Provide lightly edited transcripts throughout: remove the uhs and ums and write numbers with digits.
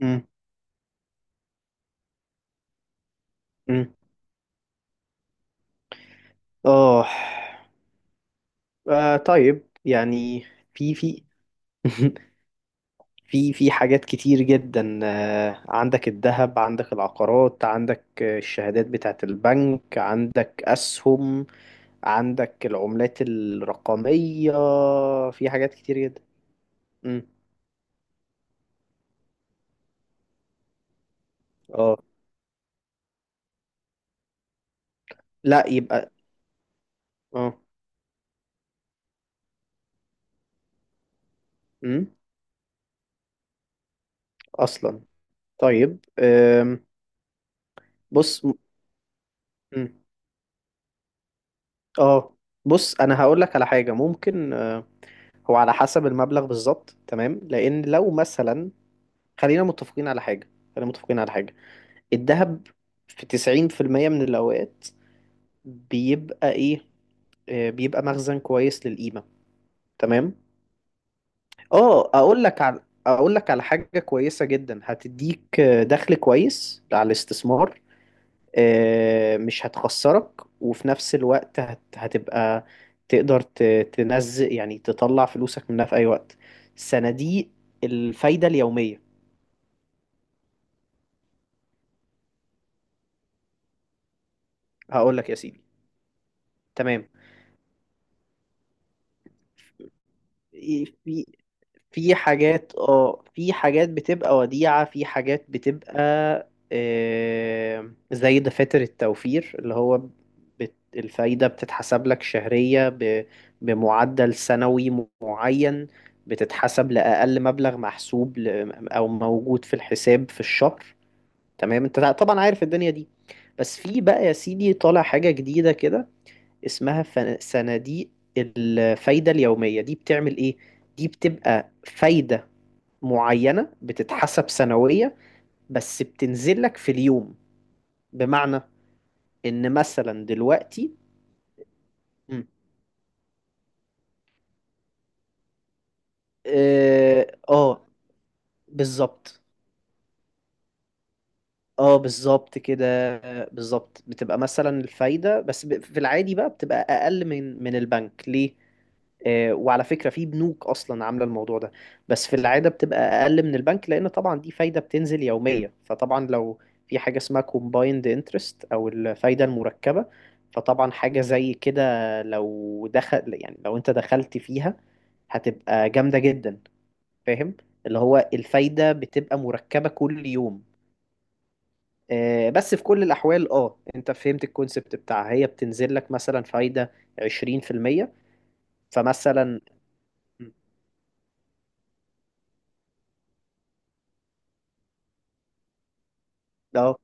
مم. مم. اه. طيب يعني، في في في حاجات كتير جدا، عندك الذهب، عندك العقارات، عندك الشهادات بتاعت البنك، عندك أسهم، عندك العملات الرقمية. في حاجات كتير جدا. مم. اه. لا يبقى. اه. مم. أصلا. طيب، بص. مم. اه. بص، أنا هقول لك على حاجة ممكن، هو على حسب المبلغ بالظبط، تمام، لان لو مثلا... خلينا متفقين على حاجه خلينا متفقين على حاجه: الذهب في 90% من الاوقات بيبقى ايه؟ بيبقى مخزن كويس للقيمه، تمام. اه، اقول لك على حاجه كويسه جدا هتديك دخل كويس على الاستثمار، مش هتخسرك، وفي نفس الوقت هتبقى تقدر تنزل، يعني تطلع فلوسك منها في أي وقت: صناديق الفايدة اليومية. هقول لك يا سيدي، تمام. إيه، في حاجات، اه، في حاجات بتبقى وديعة، في حاجات بتبقى زي دفاتر التوفير، اللي هو الفايدة بتتحسب لك شهرية بمعدل سنوي معين، بتتحسب لأقل مبلغ محسوب أو موجود في الحساب في الشهر. تمام، انت طبعا عارف الدنيا دي. بس في بقى يا سيدي، طالع حاجة جديدة كده، اسمها صناديق الفايدة اليومية. دي بتعمل ايه؟ دي بتبقى فايدة معينة بتتحسب سنوية بس بتنزل لك في اليوم، بمعنى ان مثلا دلوقتي... مم. اه، بالظبط. اه، بالظبط كده. بالظبط، بتبقى مثلا الفايدة بس في العادي بقى بتبقى اقل من البنك، ليه؟ وعلى فكرة في بنوك أصلا عاملة الموضوع ده. بس في العادة بتبقى أقل من البنك، لأن طبعا دي فايدة بتنزل يومية، فطبعا لو في حاجة اسمها combined interest أو الفايدة المركبة، فطبعا حاجة زي كده لو دخل يعني لو أنت دخلت فيها هتبقى جامدة جدا، فاهم. اللي هو الفايدة بتبقى مركبة كل يوم. بس في كل الأحوال، اه، انت فهمت الكونسبت بتاعها، هي بتنزل لك مثلا فايدة 20%، فمثلا اه.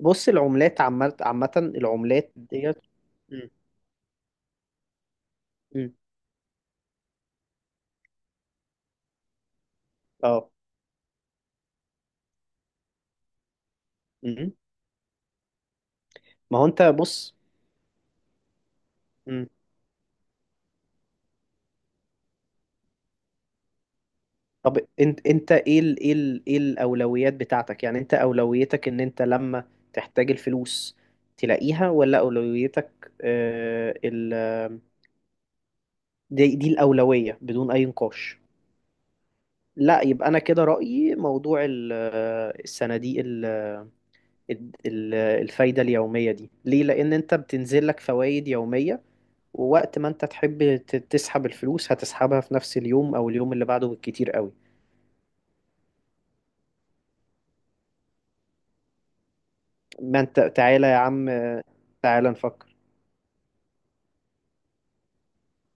بص، العملات عامة، العملات ديت. مم. مم. اه. مم. ما هو انت بص. مم. طب انت ايه الاولويات بتاعتك؟ يعني انت اولويتك ان انت لما تحتاج الفلوس تلاقيها، ولا اولويتك؟ آه ال آه، دي الاولوية بدون اي نقاش. لا يبقى، انا كده رأيي موضوع الصناديق الفايدة اليومية دي، ليه؟ لان انت بتنزل لك فوائد يومية، ووقت ما انت تحب تسحب الفلوس هتسحبها في نفس اليوم او اليوم اللي بعده بالكتير قوي. ما انت تعالى يا عم، تعالى نفكر،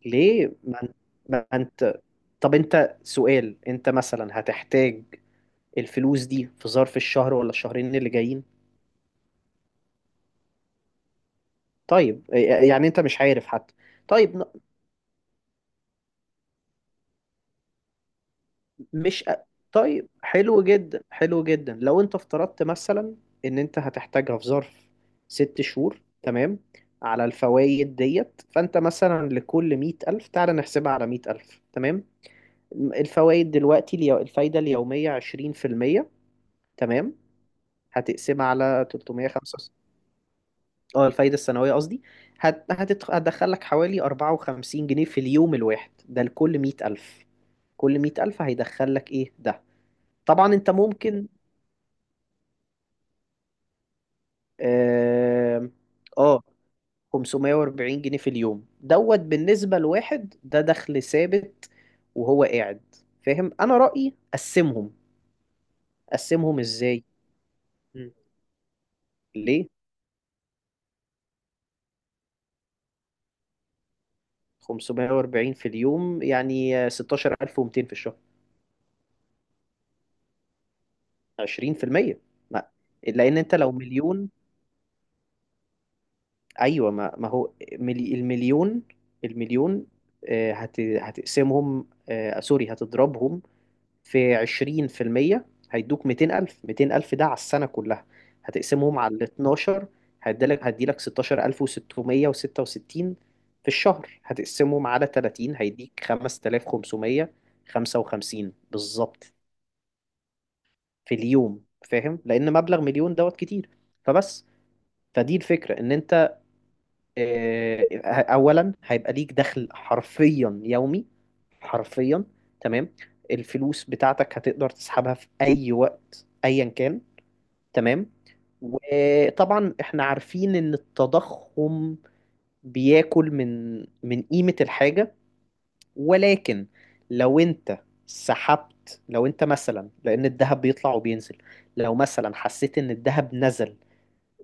ليه. ما انت، طب انت سؤال: انت مثلا هتحتاج الفلوس دي في ظرف الشهر ولا الشهرين اللي جايين؟ طيب. يعني انت مش عارف حتى. طيب. مش أ- طيب، حلو جدا، حلو جدا لو انت افترضت مثلا ان انت هتحتاجها في ظرف 6 شهور، تمام. على الفوائد ديت، فانت مثلا لكل 100,000، تعالى نحسبها على 100,000، تمام. الفوائد دلوقتي، الفايدة اليومية 20%، تمام. هتقسمها على 305. اه، الفايدة السنوية قصدي. هتدخلك حوالي 54 جنيه في اليوم الواحد ده لكل 100,000. كل 100,000 هيدخلك ايه ده. طبعا انت ممكن... اه، آه، 540 جنيه في اليوم دوت، بالنسبة لواحد ده دخل ثابت وهو قاعد، فاهم. انا رأيي قسمهم. قسمهم ازاي؟ مم. ليه. 540 في اليوم يعني 16,200 في الشهر. 20%. ما لان انت لو 1,000,000. ايوه، ما هو 1,000,000 هتقسمهم، سوري هتضربهم في 20%، هيدوك 200,000. ده على السنة كلها، هتقسمهم على ال 12، هيديلك 16,666 في الشهر، هتقسمهم على 30 هيديك 5,555 بالظبط في اليوم، فاهم. لأن مبلغ 1,000,000 دوت كتير، فبس. فدي الفكرة، إن أنت آه، اولا هيبقى ليك دخل حرفيا يومي، حرفيا، تمام. الفلوس بتاعتك هتقدر تسحبها في اي وقت ايا كان، تمام. وطبعا احنا عارفين ان التضخم بياكل من قيمة الحاجة، ولكن لو انت سحبت، لو انت مثلا، لان الذهب بيطلع وبينزل، لو مثلا حسيت ان الذهب نزل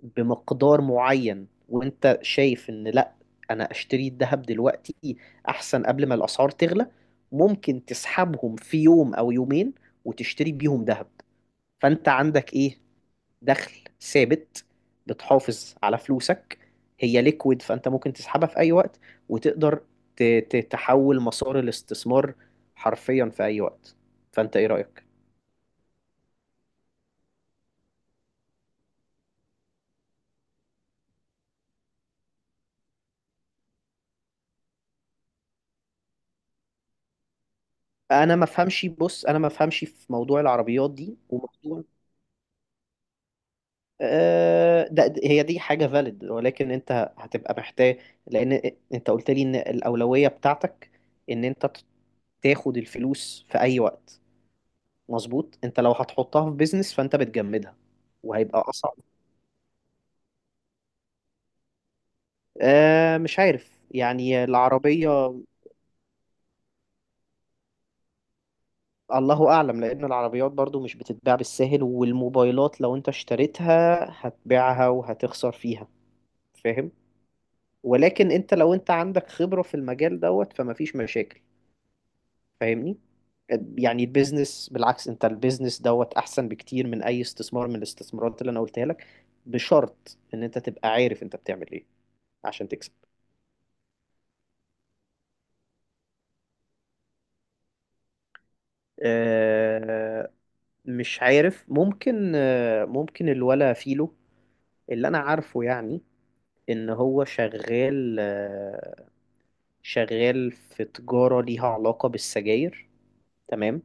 بمقدار معين وانت شايف ان لا، انا اشتري الذهب دلوقتي احسن قبل ما الاسعار تغلى، ممكن تسحبهم في يوم او يومين وتشتري بيهم ذهب. فانت عندك ايه؟ دخل ثابت، بتحافظ على فلوسك، هي ليكويد فانت ممكن تسحبها في اي وقت، وتقدر ت- تحول مسار الاستثمار حرفيا في اي وقت. فانت ايه رأيك؟ انا ما افهمش، بص انا ما افهمش في موضوع العربيات دي وموضوع ده. هي دي حاجة فاليد، ولكن انت هتبقى محتاج، لان انت قلت لي ان الأولوية بتاعتك ان انت تاخد الفلوس في اي وقت. مظبوط، انت لو هتحطها في بيزنس فانت بتجمدها وهيبقى اصعب. آه، مش عارف، يعني العربية الله اعلم، لان العربيات برضو مش بتتباع بالساهل، والموبايلات لو انت اشتريتها هتبيعها وهتخسر فيها، فاهم. ولكن انت لو عندك خبرة في المجال دوت فمفيش مشاكل، فاهمني. يعني البيزنس بالعكس، انت البيزنس دوت احسن بكتير من اي استثمار من الاستثمارات اللي انا قلتها لك، بشرط ان انت تبقى عارف انت بتعمل ايه عشان تكسب. آه، مش عارف، ممكن ممكن الولا فيلو، اللي انا عارفه يعني ان هو شغال شغال في تجارة ليها علاقة بالسجاير، تمام.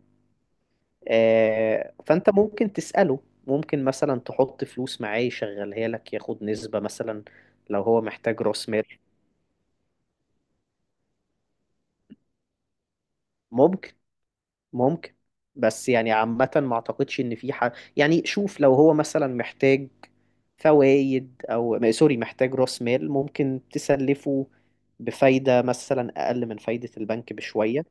فانت ممكن تسأله، ممكن مثلا تحط فلوس معاه يشغلها لك ياخد نسبة مثلا لو هو محتاج راس مال. ممكن، ممكن، بس يعني عامة ما اعتقدش ان في حاجة يعني شوف لو هو مثلا محتاج فوائد او م- سوري محتاج راس مال ممكن تسلفه بفايدة مثلا اقل من فايدة البنك بشوية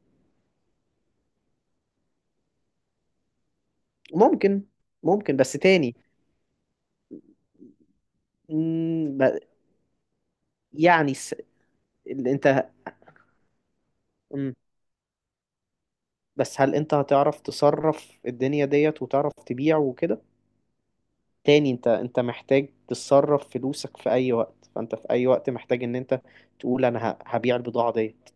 ممكن ممكن بس تاني. مم، ب- يعني س... انت، بس هل انت هتعرف تصرف الدنيا ديت وتعرف تبيع وكده؟ تاني انت محتاج تصرف فلوسك في اي وقت، فانت في اي وقت محتاج ان انت تقول انا هبيع البضاعة ديت.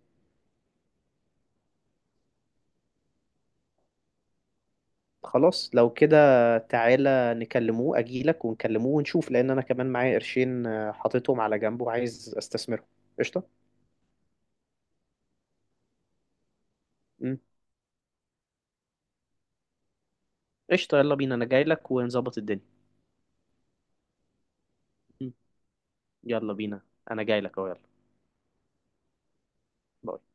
خلاص لو كده، تعالى نكلموه، اجيلك ونكلموه ونشوف، لان انا كمان معايا قرشين حاططهم على جنب وعايز استثمرهم. قشطة. مم. قشطة، يلا بينا، انا جايلك ونظبط الدنيا. مم. يلا بينا، انا جايلك اهو، يلا. باي.